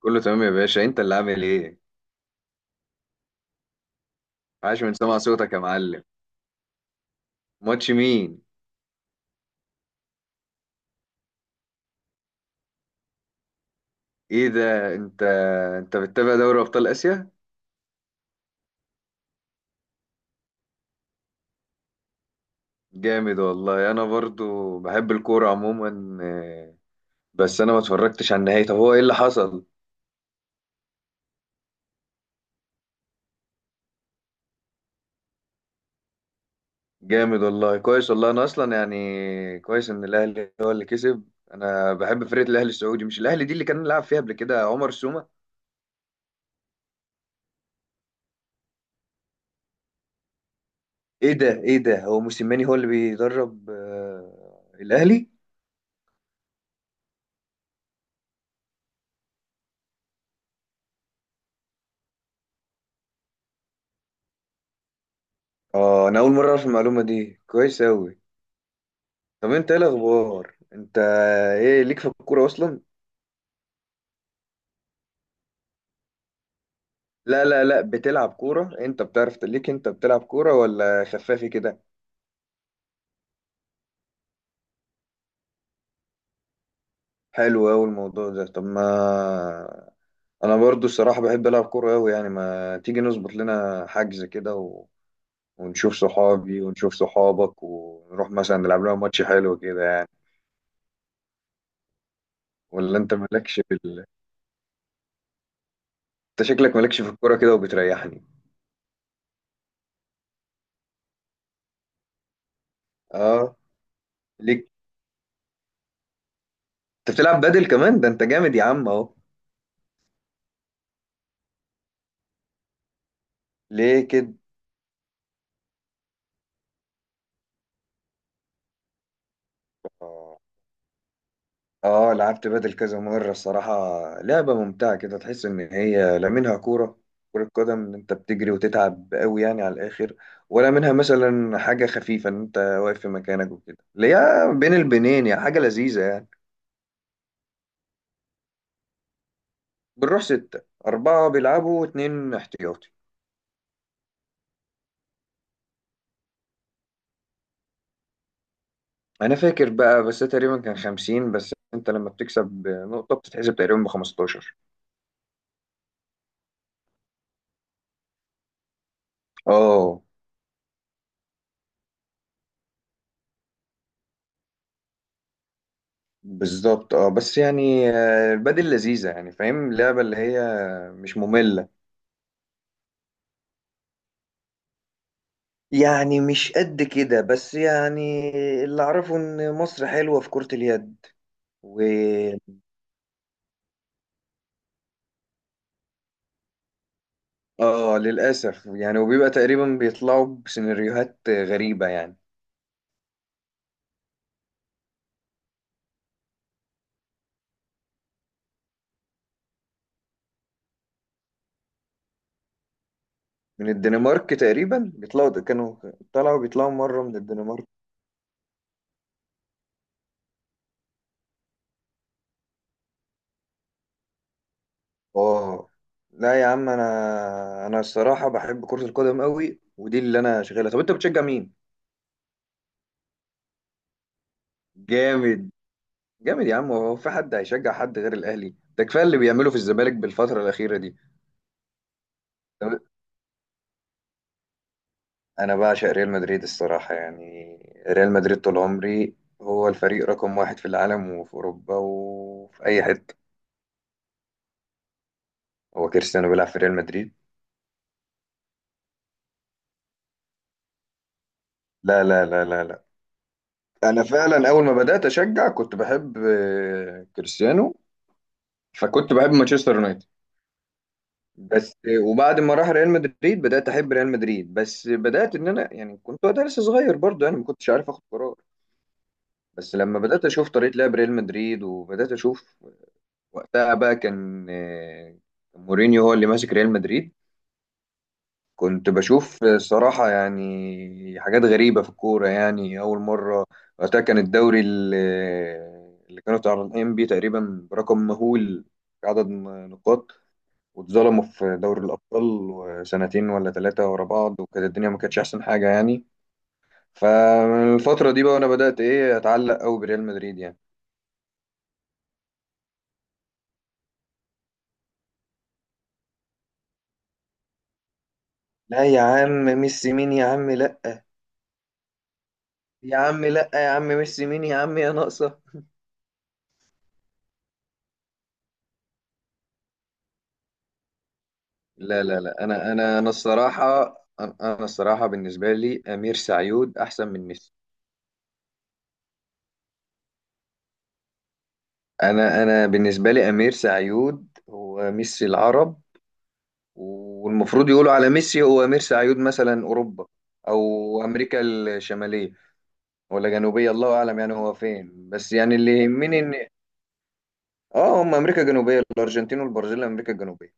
كله تمام يا باشا، انت اللي عامل ايه؟ عاش من سمع صوتك يا معلم. ماتش مين؟ ايه ده؟ انت، انت بتتابع دوري ابطال اسيا؟ جامد والله. انا برضو بحب الكوره عموما، بس انا ما اتفرجتش على النهائي. طب هو ايه اللي حصل؟ جامد والله، كويس والله. انا اصلا يعني كويس ان الاهلي هو اللي كسب. انا بحب فرقه الاهلي السعودي، مش الاهلي دي اللي كان لعب فيها قبل كده عمر سومة. ايه ده هو موسيماني هو اللي بيدرب الاهلي؟ اه، انا اول مره اعرف المعلومه دي، كويس اوي. طب انت ايه الاخبار؟ انت ايه ليك في الكوره اصلا؟ لا لا لا، بتلعب كوره انت؟ بتعرف ليك؟ انت بتلعب كوره ولا خفافي كده؟ حلو اوي الموضوع ده. طب ما انا برضو الصراحه بحب العب كوره اوي يعني. ما تيجي نظبط لنا حجز كده و... ونشوف صحابي ونشوف صحابك ونروح مثلا نلعب لنا ماتش حلو كده يعني. ولا انت مالكش في ال... انت شكلك مالكش في الكوره كده وبتريحني. اه ليك، انت بتلعب بدل كمان؟ ده انت جامد يا عم اهو. ليه كده؟ اه، لعبت بدل كذا مرة الصراحة. لعبة ممتعة كده، تحس إن هي لا منها كورة، كرة قدم إن أنت بتجري وتتعب قوي يعني على الآخر، ولا منها مثلا حاجة خفيفة إن أنت واقف في مكانك وكده، اللي هي بين البنين يعني، حاجة لذيذة يعني. بنروح ستة، أربعة بيلعبوا واتنين احتياطي. أنا فاكر بقى، بس ده تقريبا كان خمسين، بس أنت لما بتكسب نقطة بتتحسب تقريبا بخمستاشر. اه. بالظبط. اه بس يعني، البدل لذيذة يعني، فاهم؟ اللعبة اللي هي مش مملة. يعني مش قد كده بس يعني، اللي اعرفه ان مصر حلوة في كرة اليد. و اه، للأسف يعني، وبيبقى تقريبا بيطلعوا بسيناريوهات غريبة يعني. من الدنمارك تقريبا بيطلعوا كانوا، طلعوا بيطلعوا مرة من الدنمارك. اه لا يا عم، انا الصراحة بحب كرة القدم قوي، ودي اللي انا شغالها. طب انت بتشجع مين؟ جامد. جامد يا عم، هو في حد هيشجع حد غير الاهلي؟ ده كفايه اللي بيعمله في الزمالك بالفتره الاخيره دي. انا بعشق ريال مدريد الصراحه يعني، ريال مدريد طول عمري. هو الفريق رقم واحد في العالم وفي اوروبا وفي اي حته. هو كريستيانو بيلعب في ريال مدريد. لا لا لا لا لا. انا فعلا اول ما بدات اشجع كنت بحب كريستيانو، فكنت بحب مانشستر يونايتد. بس وبعد ما راح ريال مدريد بدات احب ريال مدريد، بس بدات ان انا يعني كنت وقتها لسه صغير برضه يعني، ما كنتش عارف اخد قرار. بس لما بدات اشوف طريقه لعب ريال مدريد وبدات اشوف، وقتها بقى كان كان مورينيو هو اللي ماسك ريال مدريد. كنت بشوف الصراحة يعني حاجات غريبة في الكورة يعني، أول مرة. وقتها كان الدوري اللي كانوا طالعين بيه تقريبا برقم مهول في عدد نقاط، واتظلموا في دوري الأبطال سنتين ولا ثلاثة ورا بعض، وكانت الدنيا ما كانتش أحسن حاجة يعني. فمن الفترة دي بقى وأنا بدأت إيه أتعلق أوي بريال مدريد يعني. لا يا عم، ميسي مين يا عم؟ لا يا عم لا. يا عم ميسي مين يا عم، يا ناقصة. لا لا لا، انا الصراحة، انا الصراحة بالنسبة لي امير سعيود احسن من ميسي. انا بالنسبة لي امير سعيود هو ميسي العرب، والمفروض يقولوا على ميسي هو امير سعيود مثلا اوروبا، او امريكا الشمالية ولا جنوبية، الله اعلم يعني هو فين، بس يعني اللي يهمني ان، اه هم امريكا الجنوبية، الارجنتين والبرازيل امريكا الجنوبية.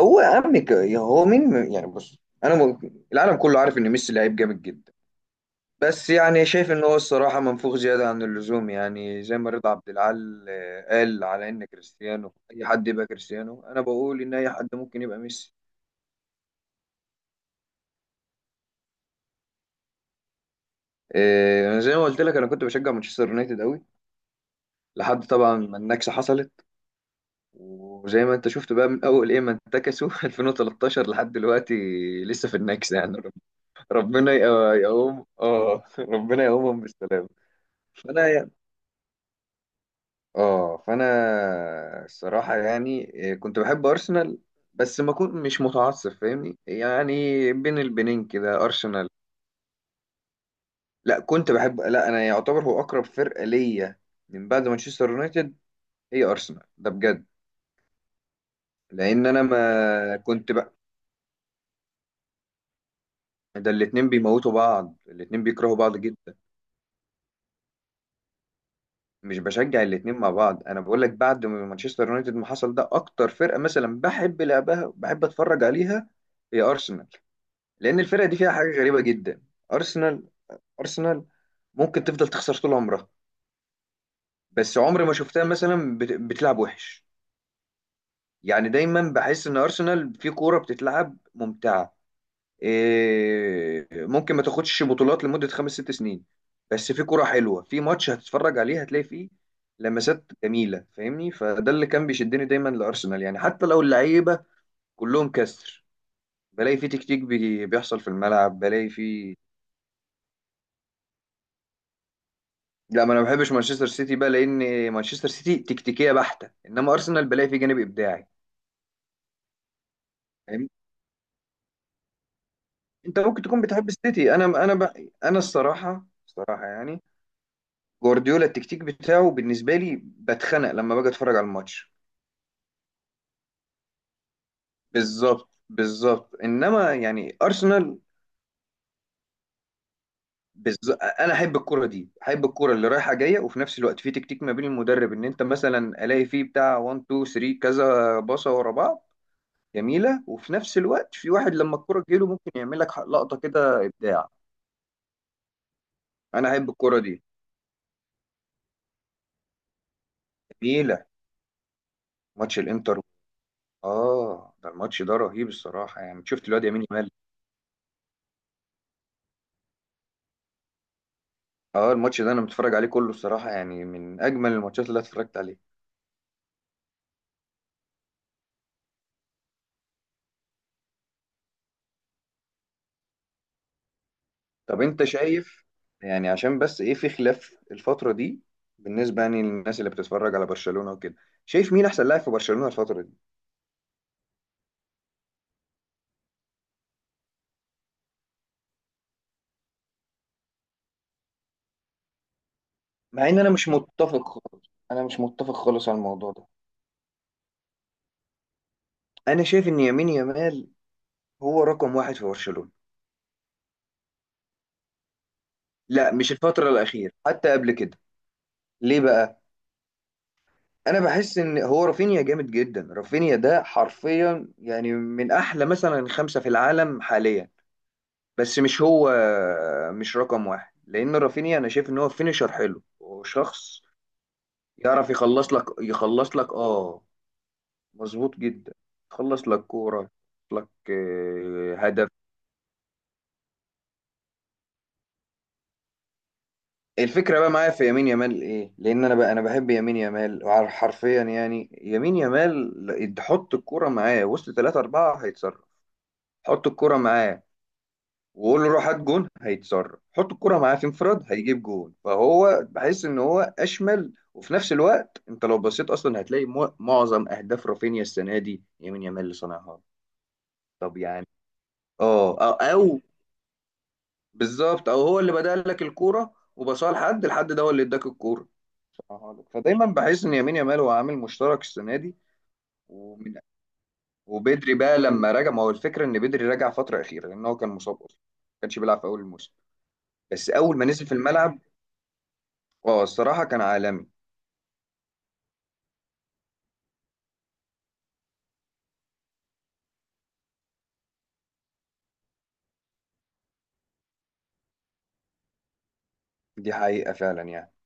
هو يا عم هو مين يعني؟ بص، انا م... العالم كله عارف ان ميسي لعيب جامد جدا، بس يعني شايف ان هو الصراحه منفوخ زياده عن اللزوم يعني. زي ما رضا عبد العال قال على ان كريستيانو اي حد يبقى كريستيانو، انا بقول ان اي حد ممكن يبقى ميسي. انا زي ما قلت لك انا كنت بشجع مانشستر يونايتد قوي، لحد طبعا ما النكسه حصلت. وزي ما انت شفت بقى من اول ايه ما انتكسوا 2013 لحد دلوقتي لسه في النكسه يعني، ربنا يقوم اه ربنا يقومهم بالسلامه. فانا يعني اه، فانا الصراحه يعني إيه، كنت بحب ارسنال، بس ما كنت مش متعصب، فاهمني؟ يعني بين البنين كده ارسنال. لا كنت بحب، لا انا يعتبر هو اقرب فرقه ليا من بعد مانشستر يونايتد هي ارسنال، ده بجد. لان انا ما كنت بقى، ده الاتنين بيموتوا بعض، الاتنين بيكرهوا بعض جدا. مش بشجع الاتنين مع بعض، انا بقول لك بعد ما مانشستر يونايتد ما حصل، ده اكتر فرقه مثلا بحب لعبها بحب اتفرج عليها هي ارسنال. لان الفرقه دي فيها حاجه غريبه جدا. ارسنال ارسنال ممكن تفضل تخسر طول عمرها، بس عمري ما شفتها مثلا بتلعب وحش. يعني دايما بحس ان ارسنال في كوره بتتلعب ممتعه. إيه، ممكن ما تاخدش بطولات لمده خمس ست سنين، بس في كوره حلوه، في ماتش هتتفرج عليه هتلاقي فيه لمسات جميله، فاهمني؟ فده اللي كان بيشدني دايما لارسنال يعني، حتى لو اللعيبه كلهم كسر، بلاقي في تكتيك بيحصل في الملعب، بلاقي في. لا ما انا ما بحبش مانشستر سيتي بقى، لان مانشستر سيتي تكتيكيه بحته، انما ارسنال بلاقي فيه جانب ابداعي، فاهم؟ انت ممكن تكون بتحب السيتي، انا الصراحه الصراحه يعني، جوارديولا التكتيك بتاعه بالنسبه لي بتخنق لما باجي اتفرج على الماتش. بالظبط بالظبط. انما يعني ارسنال، بالظبط انا احب الكره دي، احب الكره اللي رايحه جايه، وفي نفس الوقت في تكتيك ما بين المدرب ان انت مثلا الاقي فيه بتاع 1 2 3 كذا باصه ورا بعض جميله، وفي نفس الوقت في واحد لما الكره تجيله ممكن يعمل لك لقطه كده ابداع. انا احب الكره دي جميله. ماتش الانتر، اه ده الماتش ده رهيب الصراحه يعني. شفت الواد يمين يامال؟ اه الماتش ده انا متفرج عليه كله الصراحه يعني، من اجمل الماتشات اللي أنا اتفرجت عليها. طب انت شايف يعني، عشان بس ايه، في خلاف الفتره دي بالنسبه يعني للناس اللي بتتفرج على برشلونه وكده، شايف مين احسن لاعب في برشلونه الفتره دي؟ مع ان انا مش متفق خالص، انا مش متفق خالص على الموضوع ده. انا شايف ان يمين يامال هو رقم واحد في برشلونة. لا مش الفترة الأخيرة، حتى قبل كده. ليه بقى؟ أنا بحس إن هو رافينيا جامد جدا. رافينيا ده حرفيا يعني من أحلى مثلا خمسة في العالم حاليا، بس مش هو مش رقم واحد. لأن رافينيا أنا شايف إن هو فينيشر حلو وشخص يعرف يخلص لك، يخلص لك آه، مظبوط جدا، يخلص لك كورة، يخلص لك هدف. الفكرة بقى معايا في يمين يامال ايه؟ لأن أنا بقى أنا بحب يمين يامال، حرفيا يعني يمين يامال، حط الكورة معاه وسط ثلاثة أربعة هيتصرف، حط الكورة معاه وقول له روح هات جون هيتصرف، حط الكورة معاه في انفراد هيجيب جون، فهو بحس إن هو أشمل. وفي نفس الوقت أنت لو بصيت أصلا هتلاقي معظم أهداف رافينيا السنة دي يمين يامال اللي صنعها. طب يعني، أه أو, أو بالظبط، أو هو اللي بدأ لك الكورة وبصاها لحد الحد ده، هو اللي اداك الكورة. هقولك. فدايما بحس ان يمين يامال هو عامل مشترك السنه دي. ومن، وبدري بقى لما رجع، ما هو الفكره ان بدري رجع فتره اخيره لان هو كان مصاب اصلا ما كانش بيلعب في اول الموسم، بس اول ما نزل في الملعب اه الصراحه كان عالمي. دي حقيقه فعلا يعني.